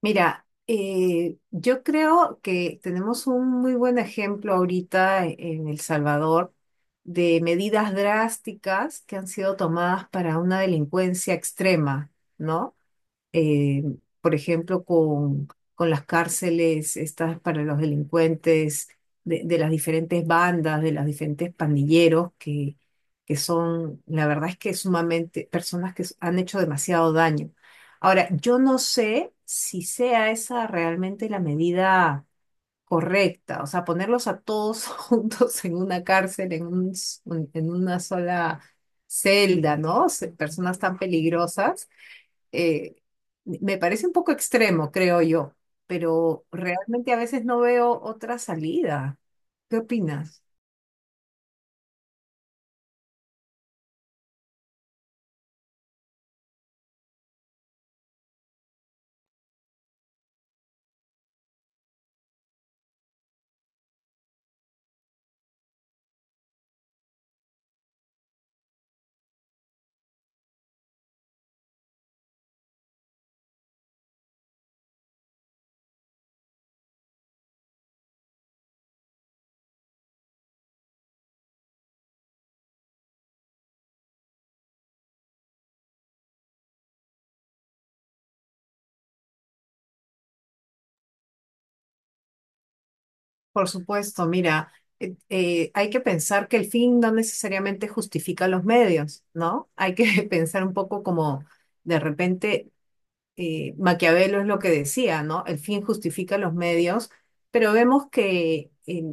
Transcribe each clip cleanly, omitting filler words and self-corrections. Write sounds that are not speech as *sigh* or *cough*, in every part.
Mira, yo creo que tenemos un muy buen ejemplo ahorita en El Salvador de medidas drásticas que han sido tomadas para una delincuencia extrema, ¿no? eh, por ejemplo, con las cárceles estas para los delincuentes de las diferentes bandas, de los diferentes pandilleros, que son, la verdad es que sumamente personas que han hecho demasiado daño. Ahora, yo no sé si sea esa realmente la medida correcta, o sea, ponerlos a todos *laughs* juntos en una cárcel, en una sola celda, ¿no? Personas tan peligrosas eh, me parece un poco extremo, creo yo, pero realmente a veces no veo otra salida. ¿Qué opinas? Por supuesto, mira, hay que pensar que el fin no necesariamente justifica los medios, ¿no? Hay que *laughs* pensar un poco como de repente Maquiavelo es lo que decía, ¿no? El fin justifica los medios, pero vemos que.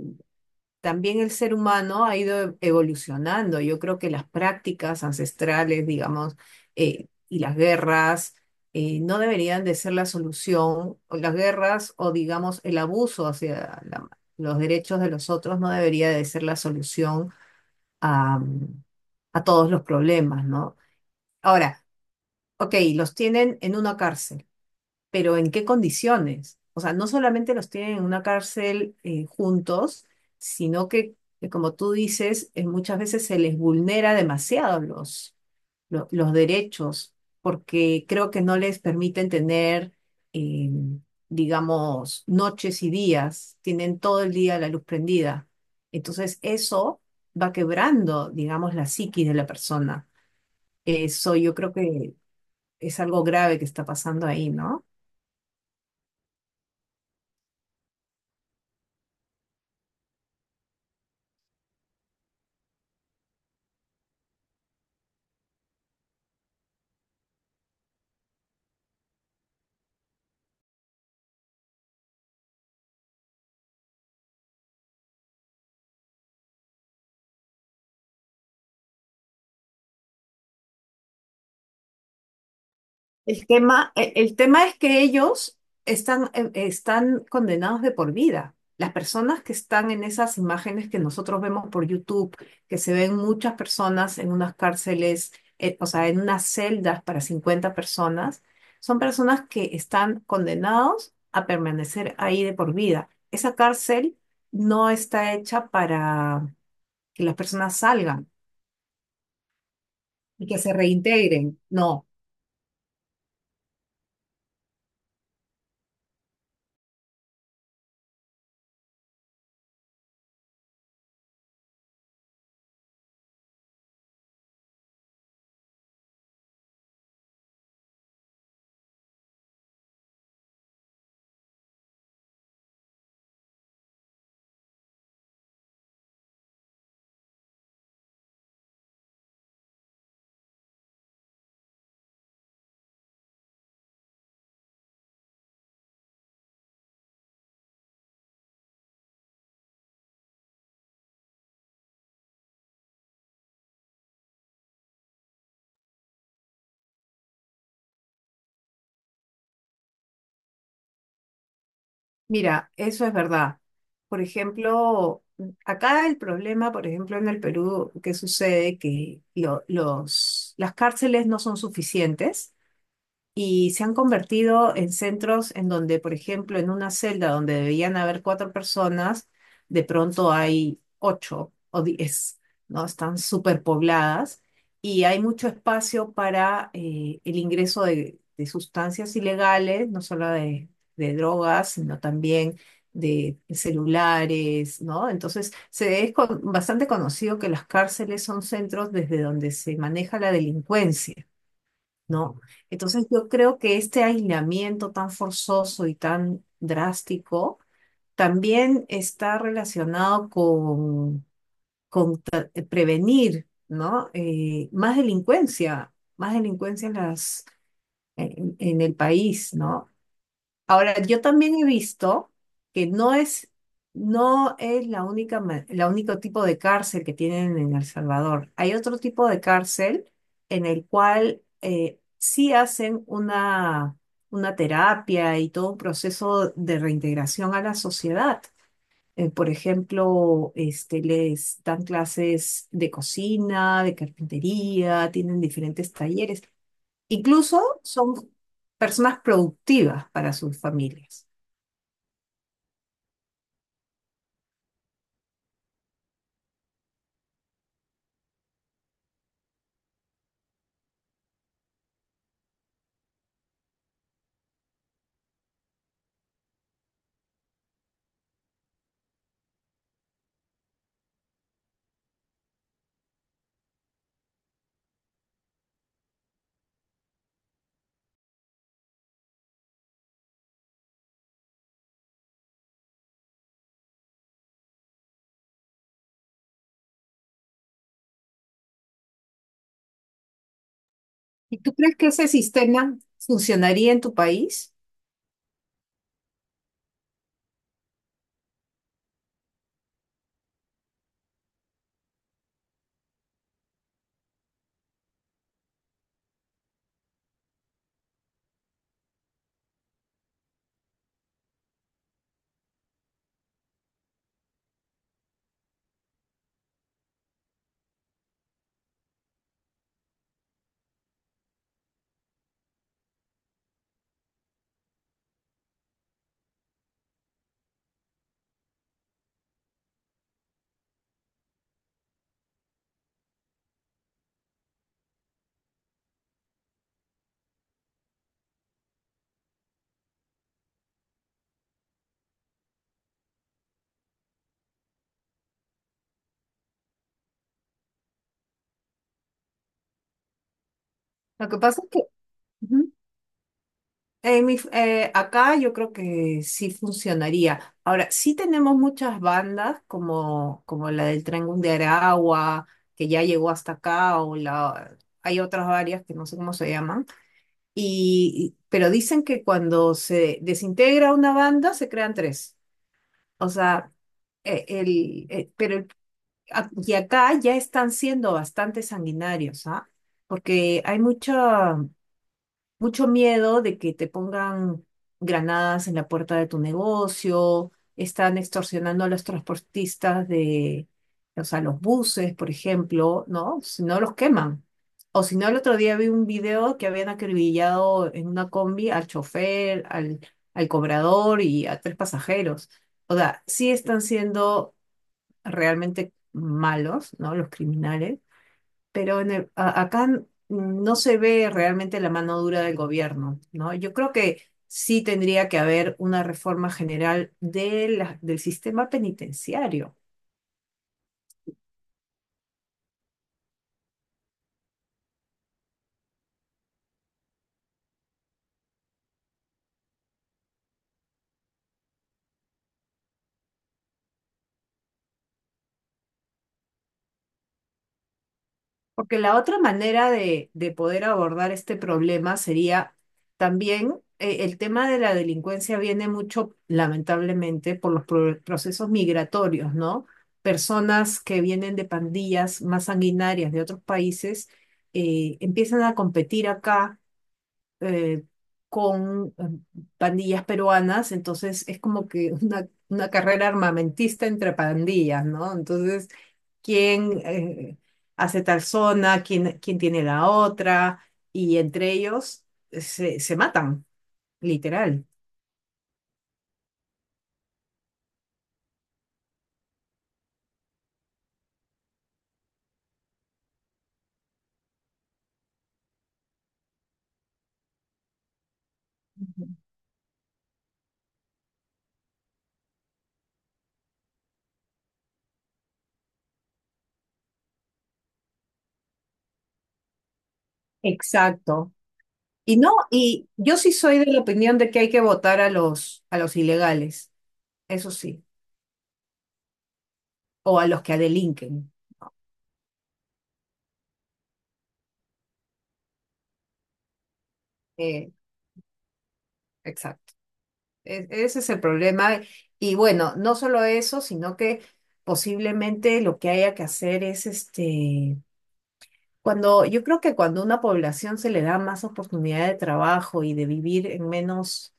También el ser humano ha ido evolucionando. Yo creo que las prácticas ancestrales, digamos, y las guerras no deberían de ser la solución. O las guerras o, digamos, el abuso hacia los derechos de los otros no debería de ser la solución a, a todos los problemas, ¿no? Ahora, ok, los tienen en una cárcel pero ¿en qué condiciones? O sea, no solamente los tienen en una cárcel juntos, que como tú dices, muchas veces se les vulnera demasiado los derechos, porque creo que no les permiten tener, eh, digamos, noches y días, tienen todo el día la luz prendida. Entonces, eso va quebrando, digamos, la psiquis de la persona. Eso yo creo que es algo grave que está pasando ahí, ¿no? El tema es que ellos están, están condenados de por vida. Las personas que están en esas imágenes que nosotros vemos por YouTube, que se ven muchas personas en unas cárceles, o sea, en unas celdas para 50 personas, son personas que están condenados a permanecer ahí de por vida. Esa cárcel no está hecha para que las personas salgan y que se reintegren, no. Mira, eso es verdad. Por ejemplo, acá el problema, por ejemplo, en el Perú, que sucede que las cárceles no son suficientes y se han convertido en centros en donde, por ejemplo, en una celda donde debían haber cuatro personas, de pronto hay ocho o diez, ¿no? Están superpobladas y hay mucho espacio para el ingreso de sustancias ilegales, no solo de drogas, sino también de celulares, ¿no? Entonces, bastante conocido que las cárceles son centros desde donde se maneja la delincuencia. ¿No? Entonces yo creo que este aislamiento tan forzoso y tan drástico también está relacionado con prevenir, ¿no? Más delincuencia en en el país, ¿no? Ahora, yo también he visto que no es la única, la único tipo de cárcel que tienen en El Salvador. Hay otro tipo de cárcel en el cual sí hacen una terapia y todo un proceso de reintegración a la sociedad. Por ejemplo, este, les dan clases de cocina, de carpintería, tienen diferentes talleres. Incluso son personas productivas para sus familias. ¿Y tú crees que ese sistema funcionaría en tu país? Lo que pasa es que ujú, acá yo creo que sí funcionaría. Ahora, sí tenemos muchas bandas como, como la del Tren Aragua, que ya llegó hasta acá, hay otras varias que no sé cómo se llaman, y- pero dicen que cuando se desintegra una banda se crean tres. O sea, el, pero el a- Y acá ya están siendo bastante sanguinarios, ¿ah? Porque hay mucho miedo de que te pongan granadas en la puerta de tu negocio, están extorsionando a los transportistas de, o sea, los buses, por ejemplo, ¿no? Si no los queman. O si no, el otro día vi un video que habían acribillado en una combi al chofer, al cobrador y a tres pasajeros. O sea, sí están siendo realmente malos, ¿no? Los criminales, pero acá no se ve realmente la mano dura del gobierno, ¿no? Yo creo que sí tendría que haber una reforma general de del sistema penitenciario. Porque la otra manera de poder abordar este problema sería también el tema de la delincuencia viene mucho, lamentablemente, por los procesos migratorios, ¿no? Personas que vienen de pandillas más sanguinarias de otros países empiezan a competir acá eh, con pandillas peruanas, entonces es como que una carrera armamentista entre pandillas, ¿no? Entonces quién hace tal zona, quién tiene la otra, y entre ellos se matan, literal. Exacto. Y no, y yo sí soy de la opinión de que hay que votar a a los ilegales, eso sí, o a los que delinquen. Eh, exacto. Ese es el problema. Y bueno, no solo eso, sino que posiblemente lo que haya que hacer es este. Cuando, yo creo que cuando a una población se le da más oportunidad de trabajo y de vivir en menos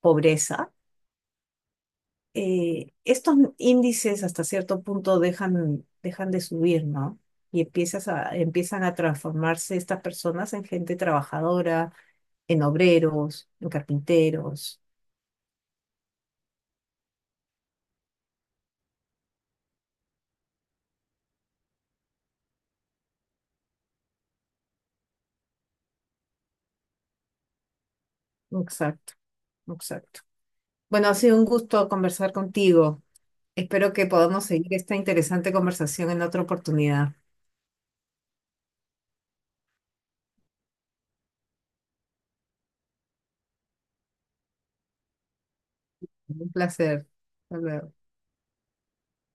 pobreza, estos índices hasta cierto punto dejan de subir, ¿no? Y empiezan a transformarse estas personas en gente trabajadora, en obreros, en carpinteros. Exacto, exacto. Bueno, ha sido un gusto conversar contigo. Espero que podamos seguir esta interesante conversación en otra oportunidad. Un placer. Hasta luego.